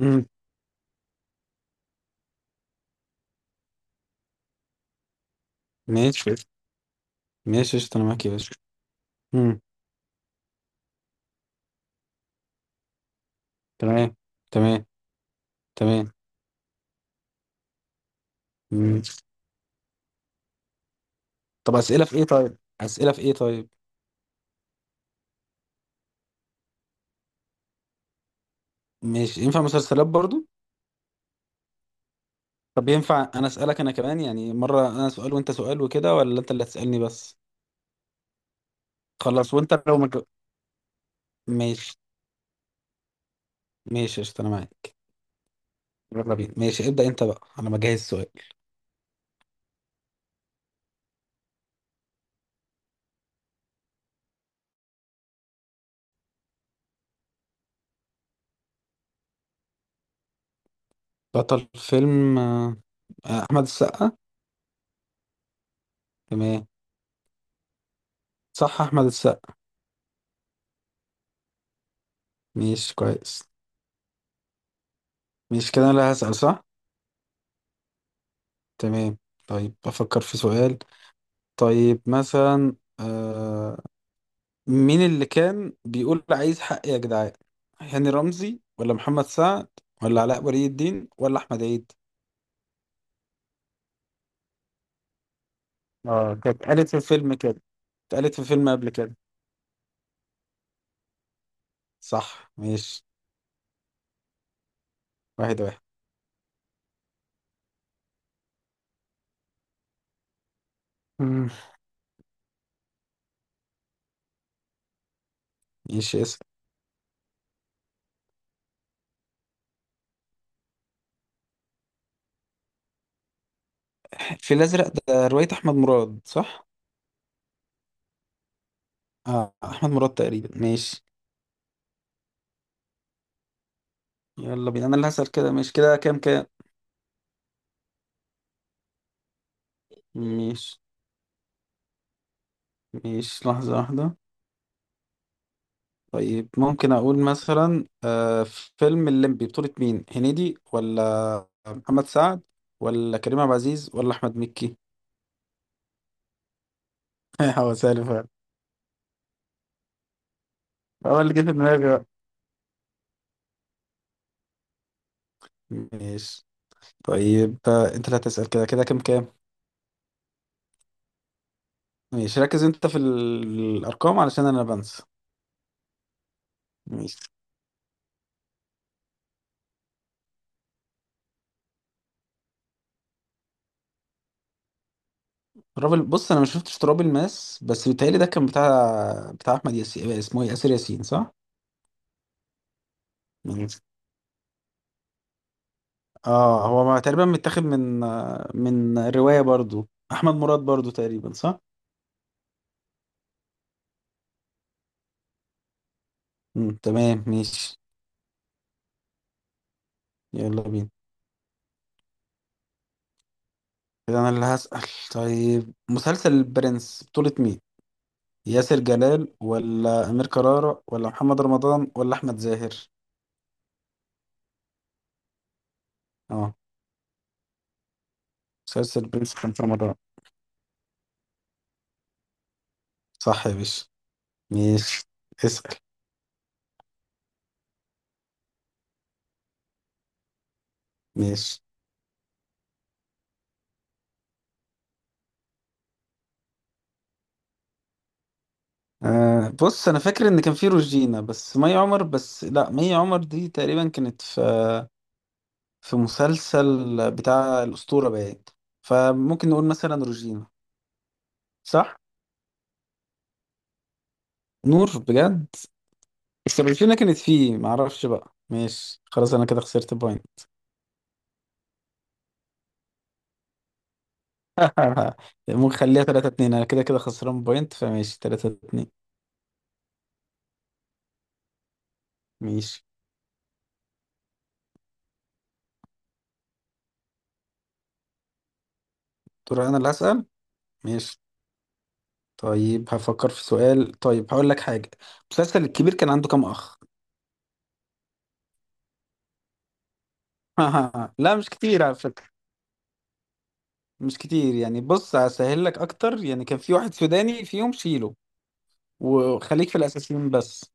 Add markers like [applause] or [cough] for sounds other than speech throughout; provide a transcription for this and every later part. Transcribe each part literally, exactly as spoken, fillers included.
امم ماشي، ماشي قشطة، انا معاك يا باشا. امم تمام، تمام، تمام. مم. طب اسئله في ايه؟ طيب اسئله في ايه؟ طيب ماشي، ينفع مسلسلات برضو؟ طب ينفع انا اسالك انا كمان يعني مره انا سؤال وانت سؤال وكده، ولا انت اللي هتسالني بس؟ خلاص، وانت لو ما مج... ماشي. ماشي قشطة، انا معاك. يلا بينا، ماشي ابدا، انت بقى، انا بجهز سؤال. بطل فيلم آه، آه، احمد السقا. تمام، صح احمد السقا. ماشي كويس، ماشي كده انا اللي هسال، صح؟ تمام. طيب بفكر في سؤال. طيب مثلا آه مين اللي كان بيقول عايز حق يا جدعان؟ هاني رمزي ولا محمد سعد ولا علاء ولي الدين ولا احمد عيد؟ اه كانت اتقالت في فيلم كده، اتقالت في فيلم قبل كده. صح، ماشي. واحد واحد. مم. ماشي. اسم في الازرق ده رواية احمد مراد، صح؟ اه احمد مراد تقريبا، ماشي. يلا بينا، انا اللي هسأل كده. ماشي كده، كام كام؟ ماشي، ماشي لحظة واحدة. طيب ممكن اقول مثلا آه، فيلم الليمبي بطولة مين؟ هنيدي ولا محمد سعد ولا كريم عبد العزيز ولا احمد مكي؟ [laughs] هو سهل فعلا، هو اللي جه في دماغي بقى. ماشي. طيب آه، انت اللي هتسأل كده. كده كام كام؟ ماشي، ركز انت في ال- الارقام علشان انا بنسى. ماشي. تراب ال- بص انا ما شفتش تراب الماس، بس بيتهيألي ده كان بتاع بتاع احمد ياسين، اسمه إيه؟ ياسر ياسين، صح؟ ماشي. اه هو ما تقريبا متاخد من آه، من رواية برضو احمد مراد برضو تقريبا، صح؟ امم تمام ماشي. يلا بينا، كده انا اللي هسأل. طيب مسلسل البرنس بطولة مين؟ ياسر جلال ولا امير كرارة ولا محمد رمضان ولا احمد زاهر؟ اه مسلسل البرنس كان في رمضان. صح يا باشا، ماشي. اسأل. ماشي. آه بص انا فاكر ان كان في روجينا بس مي عمر، بس لا مي عمر دي تقريبا كانت في في مسلسل بتاع الأسطورة بقى، فممكن نقول مثلا روجينا. صح؟ نور، بجد؟ بس روجينا كانت فيه، معرفش بقى، ماشي خلاص أنا كده خسرت بوينت. [laughs] ممكن خليها تلاتة اتنين، أنا كده كده خسران بوينت فماشي تلاتة اتنين. ماشي. دور أنا اللي هسأل. ماشي. طيب هفكر في سؤال. طيب هقول لك حاجة، المسلسل الكبير كان عنده كام أخ؟ [laughs] لا مش كتير على فكرة. مش كتير يعني، بص هسهل لك أكتر يعني، كان في واحد سوداني فيهم شيله، وخليك في الأساسيين بس.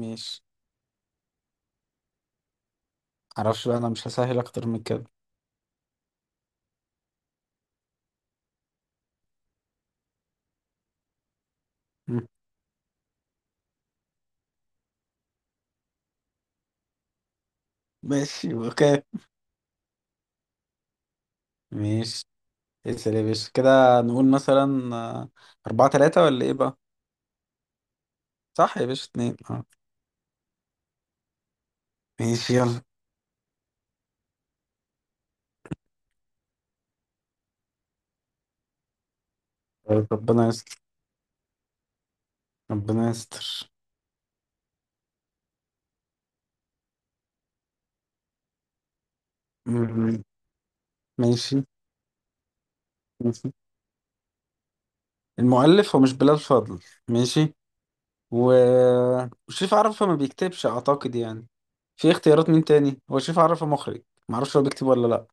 ماشي. معرفش بقى، أنا مش هسهل أكتر من كده. مم. ماشي أوكي. ماشي. اسأل يا باشا، كده نقول مثلا آه، أربعة تلاتة ولا إيه بقى؟ صح يا باشا، اتنين اه. ماشي، يلا. طيب، ربنا يستر. ربنا يستر. مم. ماشي. ماشي. المؤلف هو مش بلال فضل، ماشي، و... وشريف عرفة ما بيكتبش أعتقد يعني. في اختيارات مين تاني؟ هو شريف عرفة مخرج، معرفش هو بيكتب ولا لأ.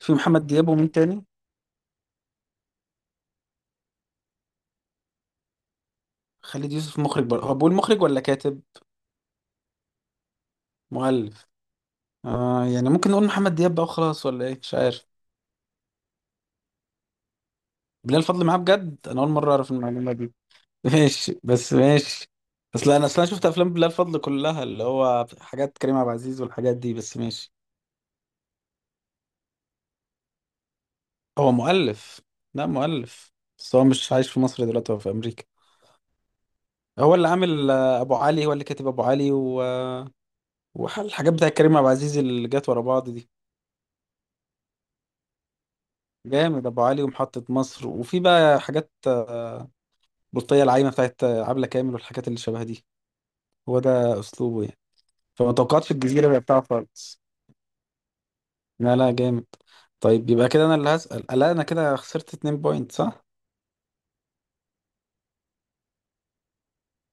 في محمد دياب ومين تاني؟ خالد يوسف مخرج بر... هو بقول مخرج ولا كاتب؟ مؤلف. آه يعني ممكن نقول محمد دياب بقى وخلاص ولا ايه، مش عارف. بلال فضل معاه؟ بجد انا اول مره اعرف المعلومه دي. [laughs] ماشي، بس ماشي. اصل انا اصل انا اصلا شفت افلام بلال فضل كلها اللي هو حاجات كريم عبد العزيز والحاجات دي، بس ماشي. هو مؤلف، لا مؤلف. بس هو مش عايش في مصر دلوقتي، هو في امريكا. هو اللي عامل آه، ابو علي، هو اللي كاتب ابو علي و... والحاجات بتاع كريم عبد العزيز اللي جت ورا بعض دي. جامد ابو علي، ومحطة مصر، وفي بقى حاجات آه، بطية العايمة بتاعت عبلة كامل والحاجات اللي شبه دي. هو ده أسلوبه يعني، فما توقعتش الجزيرة [laughs] بقى بتاعه خالص. لا لا جامد. طيب يبقى كده أنا اللي هسأل، لا أنا كده خسرت اتنين بوينت، صح؟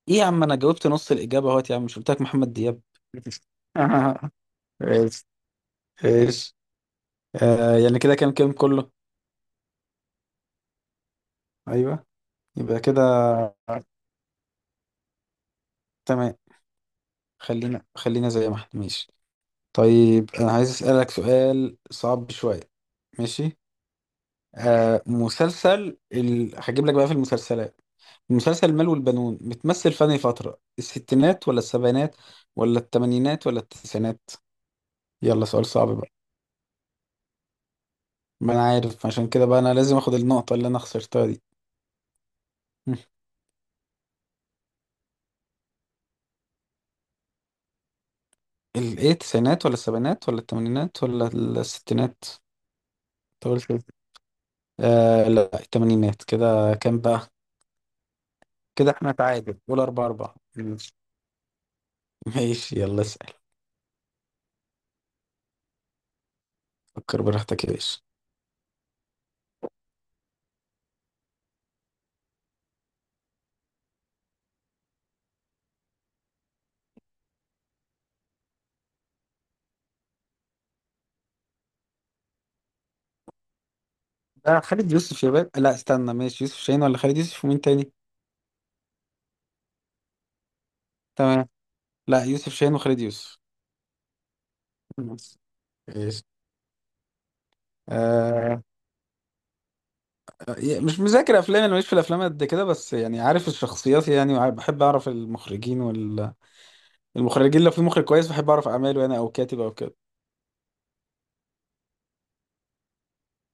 إيه يا عم، أنا جاوبت نص الإجابة أهوت يا عم، مش قلت لك محمد دياب؟ [laughs] ايش؟ ايش؟ آه يعني كده كام كام كله؟ أيوه، يبقى كده. تمام. خلينا، خلينا زي ما احنا، ماشي. طيب أنا عايز أسألك سؤال صعب شوية. ماشي. آه مسلسل ال... هجيب لك بقى في المسلسلات، مسلسل المال والبنون بتمثل في أنهي فترة؟ الستينات ولا السبعينات ولا الثمانينات ولا التسعينات؟ يلا سؤال صعب بقى. ما أنا عارف، عشان كده بقى أنا لازم أخد النقطة اللي أنا خسرتها دي. [laughs] مم. ال إيه، التسعينات ولا السبعينات ولا الثمانينات ولا الستينات؟ أنت قلت إيه؟ آه لا الثمانينات. كده كام بقى؟ كده احنا تعادل، قول أربعة أربعة. مم. ماشي، يلا اسأل. فكر براحتك يا باشا. ده خالد يوسف يا باشا، لا استنى، ماشي، يوسف شاهين ولا خالد يوسف ومين تاني؟ تمام. لا يوسف شاهين وخالد يوسف. ايش؟ آه، مش مذاكر افلام انا، ماليش في الافلام قد كده، بس يعني عارف الشخصيات يعني، وعارف- بحب اعرف المخرجين، والمخرجين لو في مخرج كويس بحب اعرف اعماله انا، او كاتب او كده.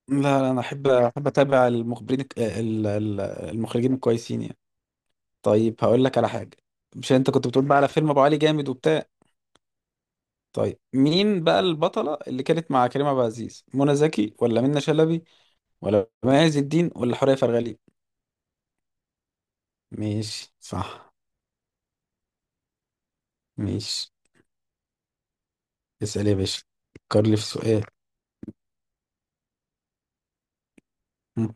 لا لا انا احب احب اتابع المخبرين الك- ال- ال- المخرجين الكويسين يعني. طيب هقول لك على حاجه، مش انت كنت بتقول بقى على فيلم ابو علي جامد وبتاع؟ طيب مين بقى البطلة اللي كانت مع كريم عبد العزيز؟ منى زكي ولا منى شلبي ولا مي عز الدين ولا حورية فرغلي؟ ماشي صح. ماشي. اسأل يا باشا، فكر لي في سؤال. م.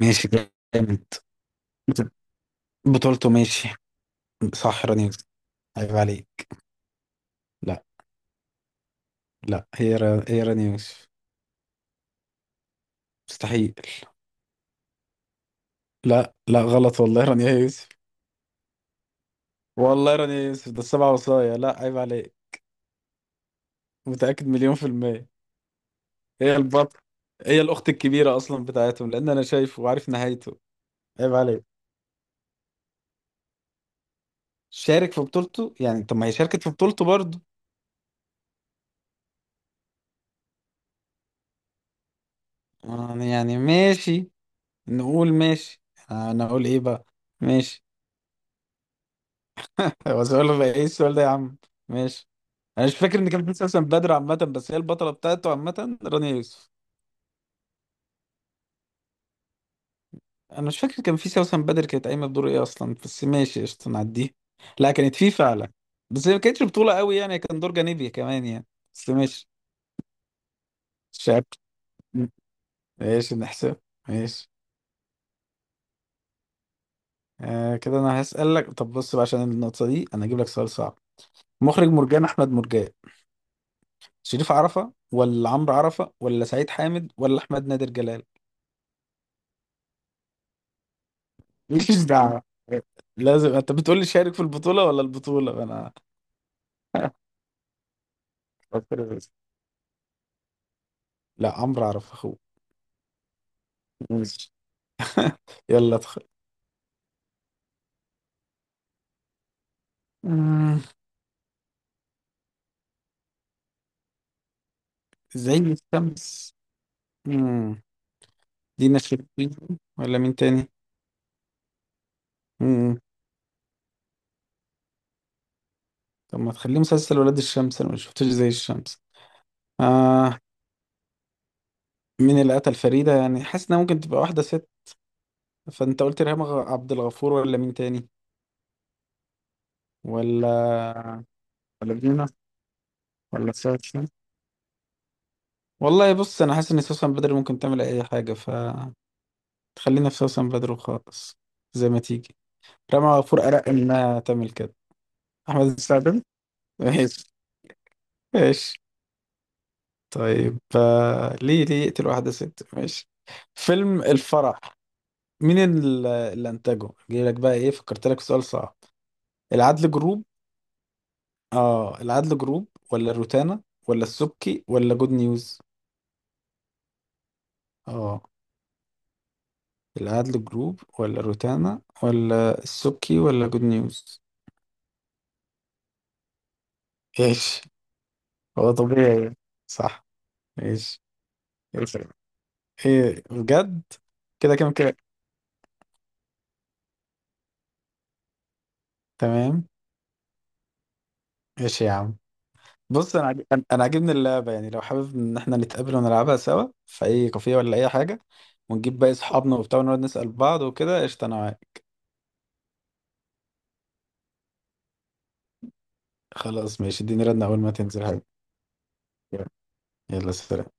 ماشي. جامد. بطولته، ماشي. صح، راني يوسف. عيب عليك. لا لا، هي را... هي راني يوسف. مستحيل. لا لا، غلط، والله رانيا يوسف. والله رانيا يوسف، ده السبعة وصايا، لا عيب عليك. متأكد مليون في المية. هي البطل، هي الأخت الكبيرة أصلا بتاعتهم، لأن أنا شايفه وعارف نهايته. عيب عليك، شارك في بطولته يعني، طب ما هي شاركت في بطولته برضه، يعني يعني ماشي، نقول ماشي. أنا أقول إيه بقى؟ ماشي. [laughs] هو سؤال بقى، إيه السؤال ده يا عم؟ ماشي. أنا مش فاكر إن كان في سوسن بدر عامة، بس هي البطلة بتاعته عامة رانيا يوسف. أنا مش فاكر، كان في سوسن بدر كانت قايمة بدور إيه أصلا، بس ماشي قشطة نعديه. لا كانت في فعلا، بس هي ما كانتش بطولة قوي يعني، كان دور جانبي كمان يعني، بس ماشي. مش عارف. ماشي نحسب. ماشي. آه كده انا هسألك، طب بص بقى عشان النقطة دي انا هجيب لك سؤال صعب. مخرج مرجان احمد مرجان، شريف عرفة ولا عمرو عرفة ولا سعيد حامد ولا احمد نادر جلال؟ [laughs] ماليش دعوة، لازم انت بتقول لي شارك في البطولة ولا البطولة. انا [laughs] فكر بس. لا عمرو عرفة اخوه. ماشي، يلا ادخل. مم، زي الشمس. مم، دينا الشربيني ولا مين تاني؟ مم، طب ما تخليه مسلسل ولاد الشمس، انا ما شفتوش زي الشمس. آه، مين اللي قتل فريدة؟ يعني حاسس انها ممكن تبقى واحدة ست. فانت قلت ريهام غ- عبد الغفور ولا مين تاني؟ ولا ولا دينا ولا سوسن؟ والله بص انا حاسس ان سوسن بدر ممكن تعمل اي حاجة، فتخلينا في سوسن بدر وخلاص، زي ما تيجي. ريهام غفور ارق انها تعمل كده. احمد السعدني. ماشي، ماشي. طيب آه، ليه، ليه يقتل واحدة ست؟ ماشي. فيلم الفرح، مين ال- اللي انتجه؟ جاي لك بقى ايه، فكرت لك سؤال صعب. العدل جروب. اه، العدل جروب ولا روتانا ولا السبكي ولا جود نيوز؟ اه العدل جروب ولا روتانا ولا السبكي ولا جود نيوز؟ ايش؟ هو طبيعي. صح. ايش؟ ايش؟ ايه بجد؟ كده كام كده؟ تمام. ايش يا عم؟ بص انا عاجب- انا أنا عاجبني اللعبه يعني، لو حابب ان احنا نتقابل ونلعبها سوا في اي كافيه ولا اي حاجه، ونجيب باقي اصحابنا وبتاع ونقعد نسال بعض وكده، قشطه انا معاك. خلاص ماشي، اديني ردنا اول ما تنزل حاجه. يلا سلام.